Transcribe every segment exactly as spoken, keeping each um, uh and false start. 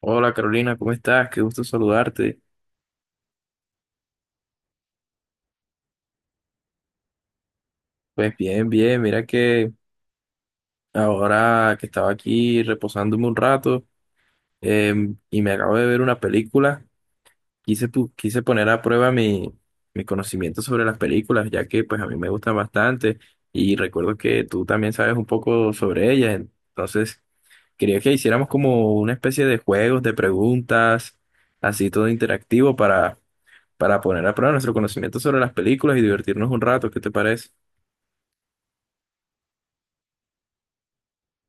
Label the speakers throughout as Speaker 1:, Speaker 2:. Speaker 1: Hola Carolina, ¿cómo estás? Qué gusto saludarte. Pues bien, bien, mira que ahora que estaba aquí reposándome un rato, em, y me acabo de ver una película. Quise, pu- quise poner a prueba mi, mi conocimiento sobre las películas, ya que pues a mí me gustan bastante y recuerdo que tú también sabes un poco sobre ellas. Entonces quería que hiciéramos como una especie de juegos, de preguntas, así todo interactivo, para, para poner a prueba nuestro conocimiento sobre las películas y divertirnos un rato. ¿Qué te parece?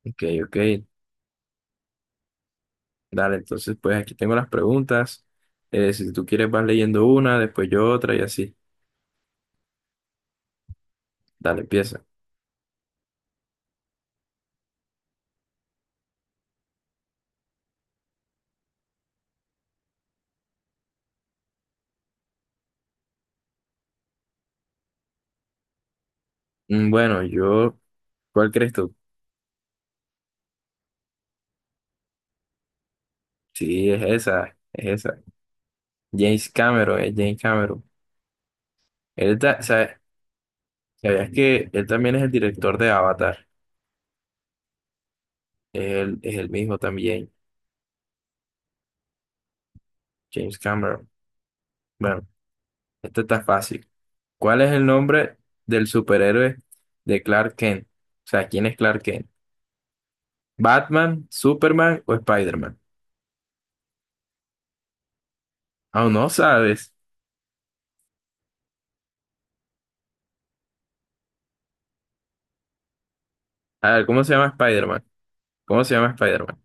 Speaker 1: Ok, ok. Dale, entonces pues aquí tengo las preguntas. Eh, si tú quieres vas leyendo una, después yo otra y así. Dale, empieza. Mm, Bueno, yo, ¿cuál crees tú? Sí, es esa, es esa. James Cameron, es James Cameron. Él ta- sa- ¿Sabías que él también es el director de Avatar? Él es el mismo también, James Cameron. Bueno, esto está fácil. ¿Cuál es el nombre del superhéroe de Clark Kent? O sea, ¿quién es Clark Kent? ¿Batman, Superman o Spider-Man? Aún no sabes. A ver, ¿cómo se llama Spider-Man? ¿Cómo se llama Spider-Man?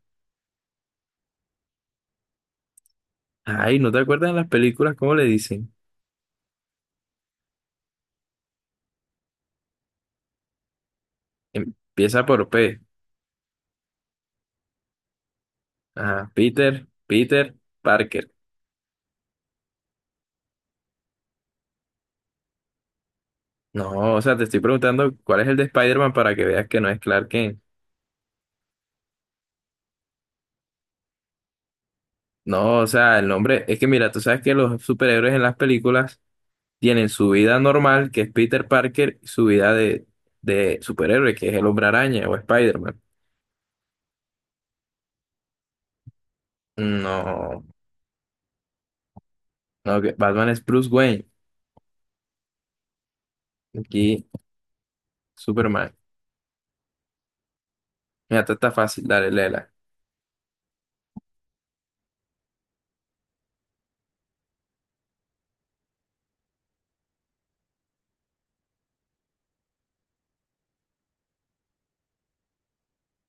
Speaker 1: Ay, ¿no te acuerdas en las películas cómo le dicen? Empieza por P. Ajá, Peter, Peter, Parker. No, o sea, te estoy preguntando cuál es el de Spider-Man para que veas que no es Clark Kent. No, o sea, el nombre, es que mira, tú sabes que los superhéroes en las películas tienen su vida normal, que es Peter Parker, y su vida de, de superhéroe, que es el Hombre Araña o Spider-Man. No, no, que Batman es Bruce Wayne, aquí Superman. Mira, esta está fácil, dale, léela.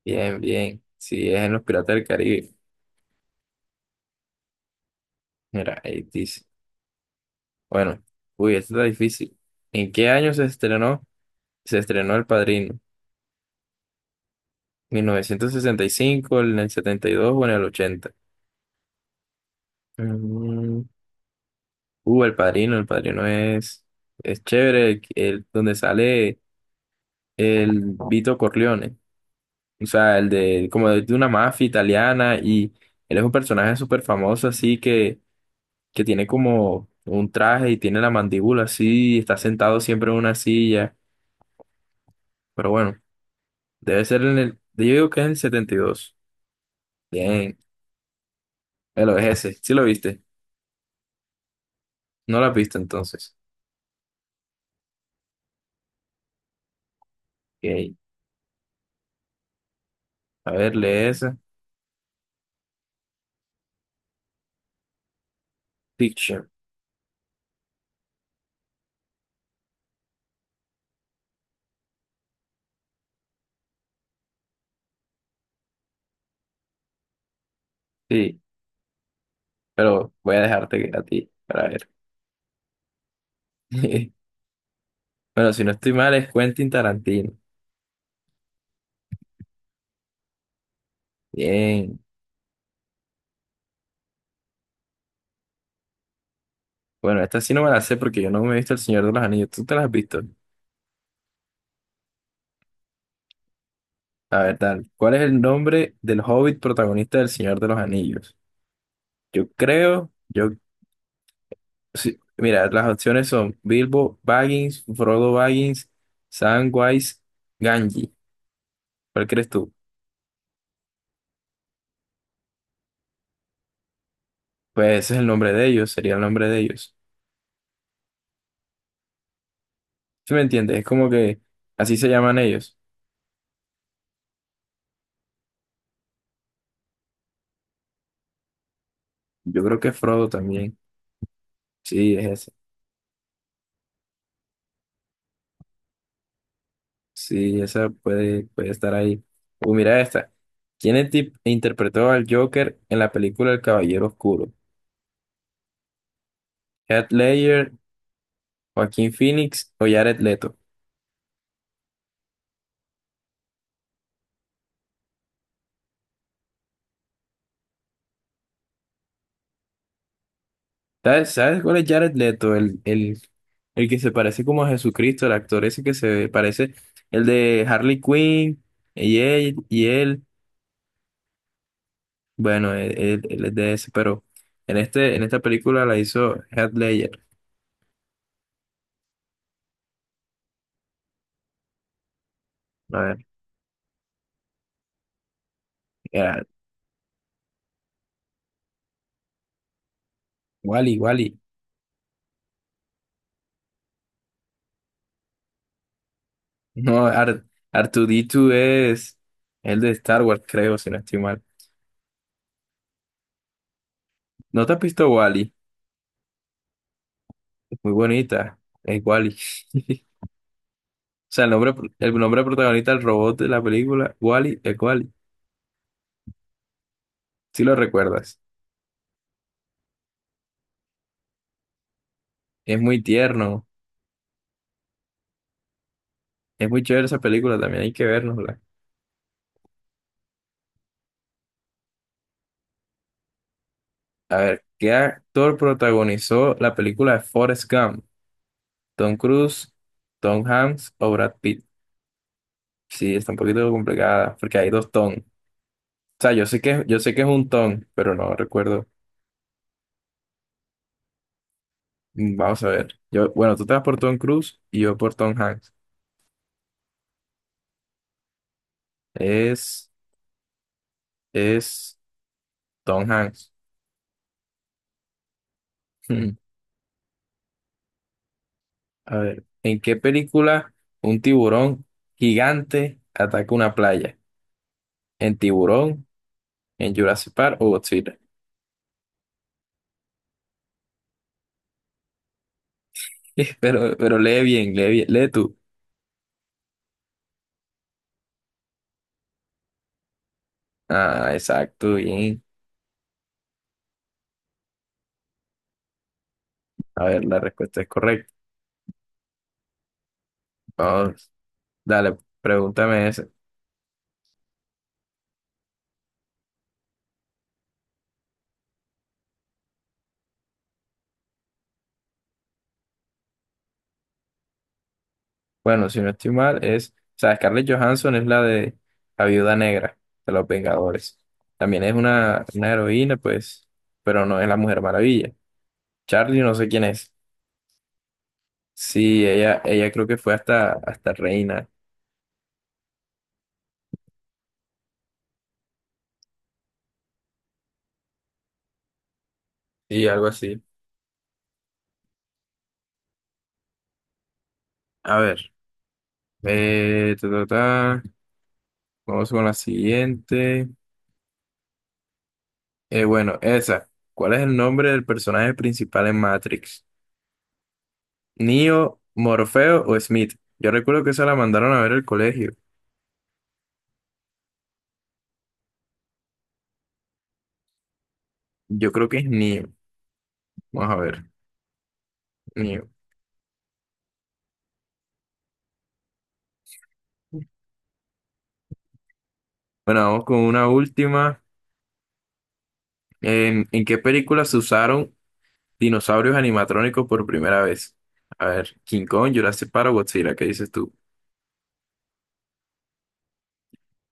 Speaker 1: Bien, bien. Si es en los Piratas del Caribe. Mira, ahí dice. Bueno, uy, esta está difícil. ¿En qué año se estrenó? Se estrenó El Padrino. ¿mil novecientos sesenta y cinco, en el setenta y dos o en el ochenta? Mm, Uh, El Padrino, El Padrino es, es chévere. El, el- donde sale el Vito Corleone. O sea, el de, como de, de una mafia italiana, y él es un personaje súper famoso, así que que tiene como un traje y tiene la mandíbula así, y está sentado siempre en una silla. Pero bueno, debe ser en el. Yo digo que es el setenta y dos. Bien, el es ese. ¿Sí lo viste? No la viste entonces. Ok. A ver, lee esa. Fiction. Sí, pero voy a dejarte a ti para ver. Bueno, si no estoy mal, es Quentin Tarantino. Bien. Bueno, esta sí no me la sé porque yo no me he visto El Señor de los Anillos. ¿Tú te la has visto? A ver, tal. ¿Cuál es el nombre del hobbit protagonista del Señor de los Anillos? Yo creo, yo, sí, mira, las opciones son Bilbo Baggins, Frodo Baggins, Samwise Ganji. ¿Cuál crees tú? Pues ese es el nombre de ellos, sería el nombre de ellos. ¿Sí me entiendes? Es como que así se llaman ellos. Yo creo que Frodo también. Sí, es esa. Sí, esa puede, puede estar ahí. Uh, mira esta. ¿Quién enti- interpretó al Joker en la película El Caballero Oscuro? ¿Heath Ledger, Joaquín Phoenix o Jared Leto? ¿Sabes, sabes cuál es Jared Leto? El, el, el que se parece como a Jesucristo, el actor ese que se parece, el de Harley Quinn y él, y él. Bueno, él, él- él es de ese, pero en este, en esta película la hizo Heath Ledger. A ver, era Wally, Wally. No, r dos es el de Star Wars, creo, si no estoy mal. ¿No te has visto Wally? Muy bonita, es Wally. O sea, el nombre, el nombre protagonista del robot de la película, Wally, es Wally. Si lo recuerdas. Es muy tierno. Es muy chévere esa película, también hay que vernosla. A ver, ¿qué actor protagonizó la película de Forrest Gump? ¿Tom Cruise, Tom Hanks o Brad Pitt? Sí, está un poquito complicada porque hay dos Tom. O sea, yo sé que, yo sé que es un Tom, pero no recuerdo. Mm, Vamos a ver. Yo, bueno, tú te vas por Tom Cruise y yo por Tom Hanks. Es, es Tom Hanks. Hmm. A ver, ¿en qué película un tiburón gigante ataca una playa? ¿En Tiburón, en Jurassic Park o Godzilla? Pero, pero lee bien, lee bien, lee tú. Ah, exacto, bien. A ver, la respuesta es correcta. Vamos, dale, pregúntame esa. Bueno, si no estoy mal, es. O sea, Scarlett Johansson es la de la Viuda Negra de los Vengadores. También es una, una heroína, pues, pero no es la Mujer Maravilla. Charlie, no sé quién es. Sí, ella, ella creo que fue hasta, hasta reina. Sí, algo así. A ver. Eh, ta, ta, ta. Vamos con la siguiente. Eh, bueno, esa. ¿Cuál es el nombre del personaje principal en Matrix? ¿Neo, Morfeo o Smith? Yo recuerdo que esa la mandaron a ver al colegio. Yo creo que es Neo. Vamos a ver. Neo. Bueno, vamos con una última. ¿En, en qué película se usaron dinosaurios animatrónicos por primera vez? A ver, King Kong, Jurassic Park o Godzilla, ¿qué dices tú?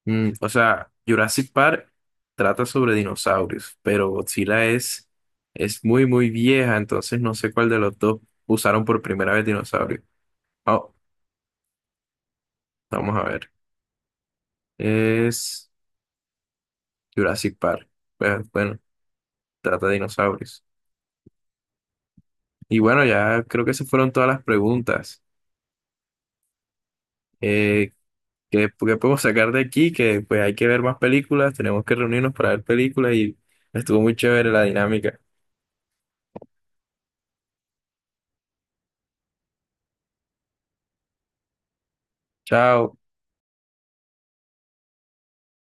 Speaker 1: Mm, o sea, Jurassic Park trata sobre dinosaurios, pero Godzilla es, es muy, muy vieja, entonces no sé cuál de los dos usaron por primera vez dinosaurio. Oh, vamos a ver. Es Jurassic Park. Pues, bueno, trata de dinosaurios. Y bueno, ya creo que esas fueron todas las preguntas. Eh, ¿qué, qué podemos sacar de aquí? Que pues hay que ver más películas, tenemos que reunirnos para ver películas, y estuvo muy chévere la dinámica. Chao.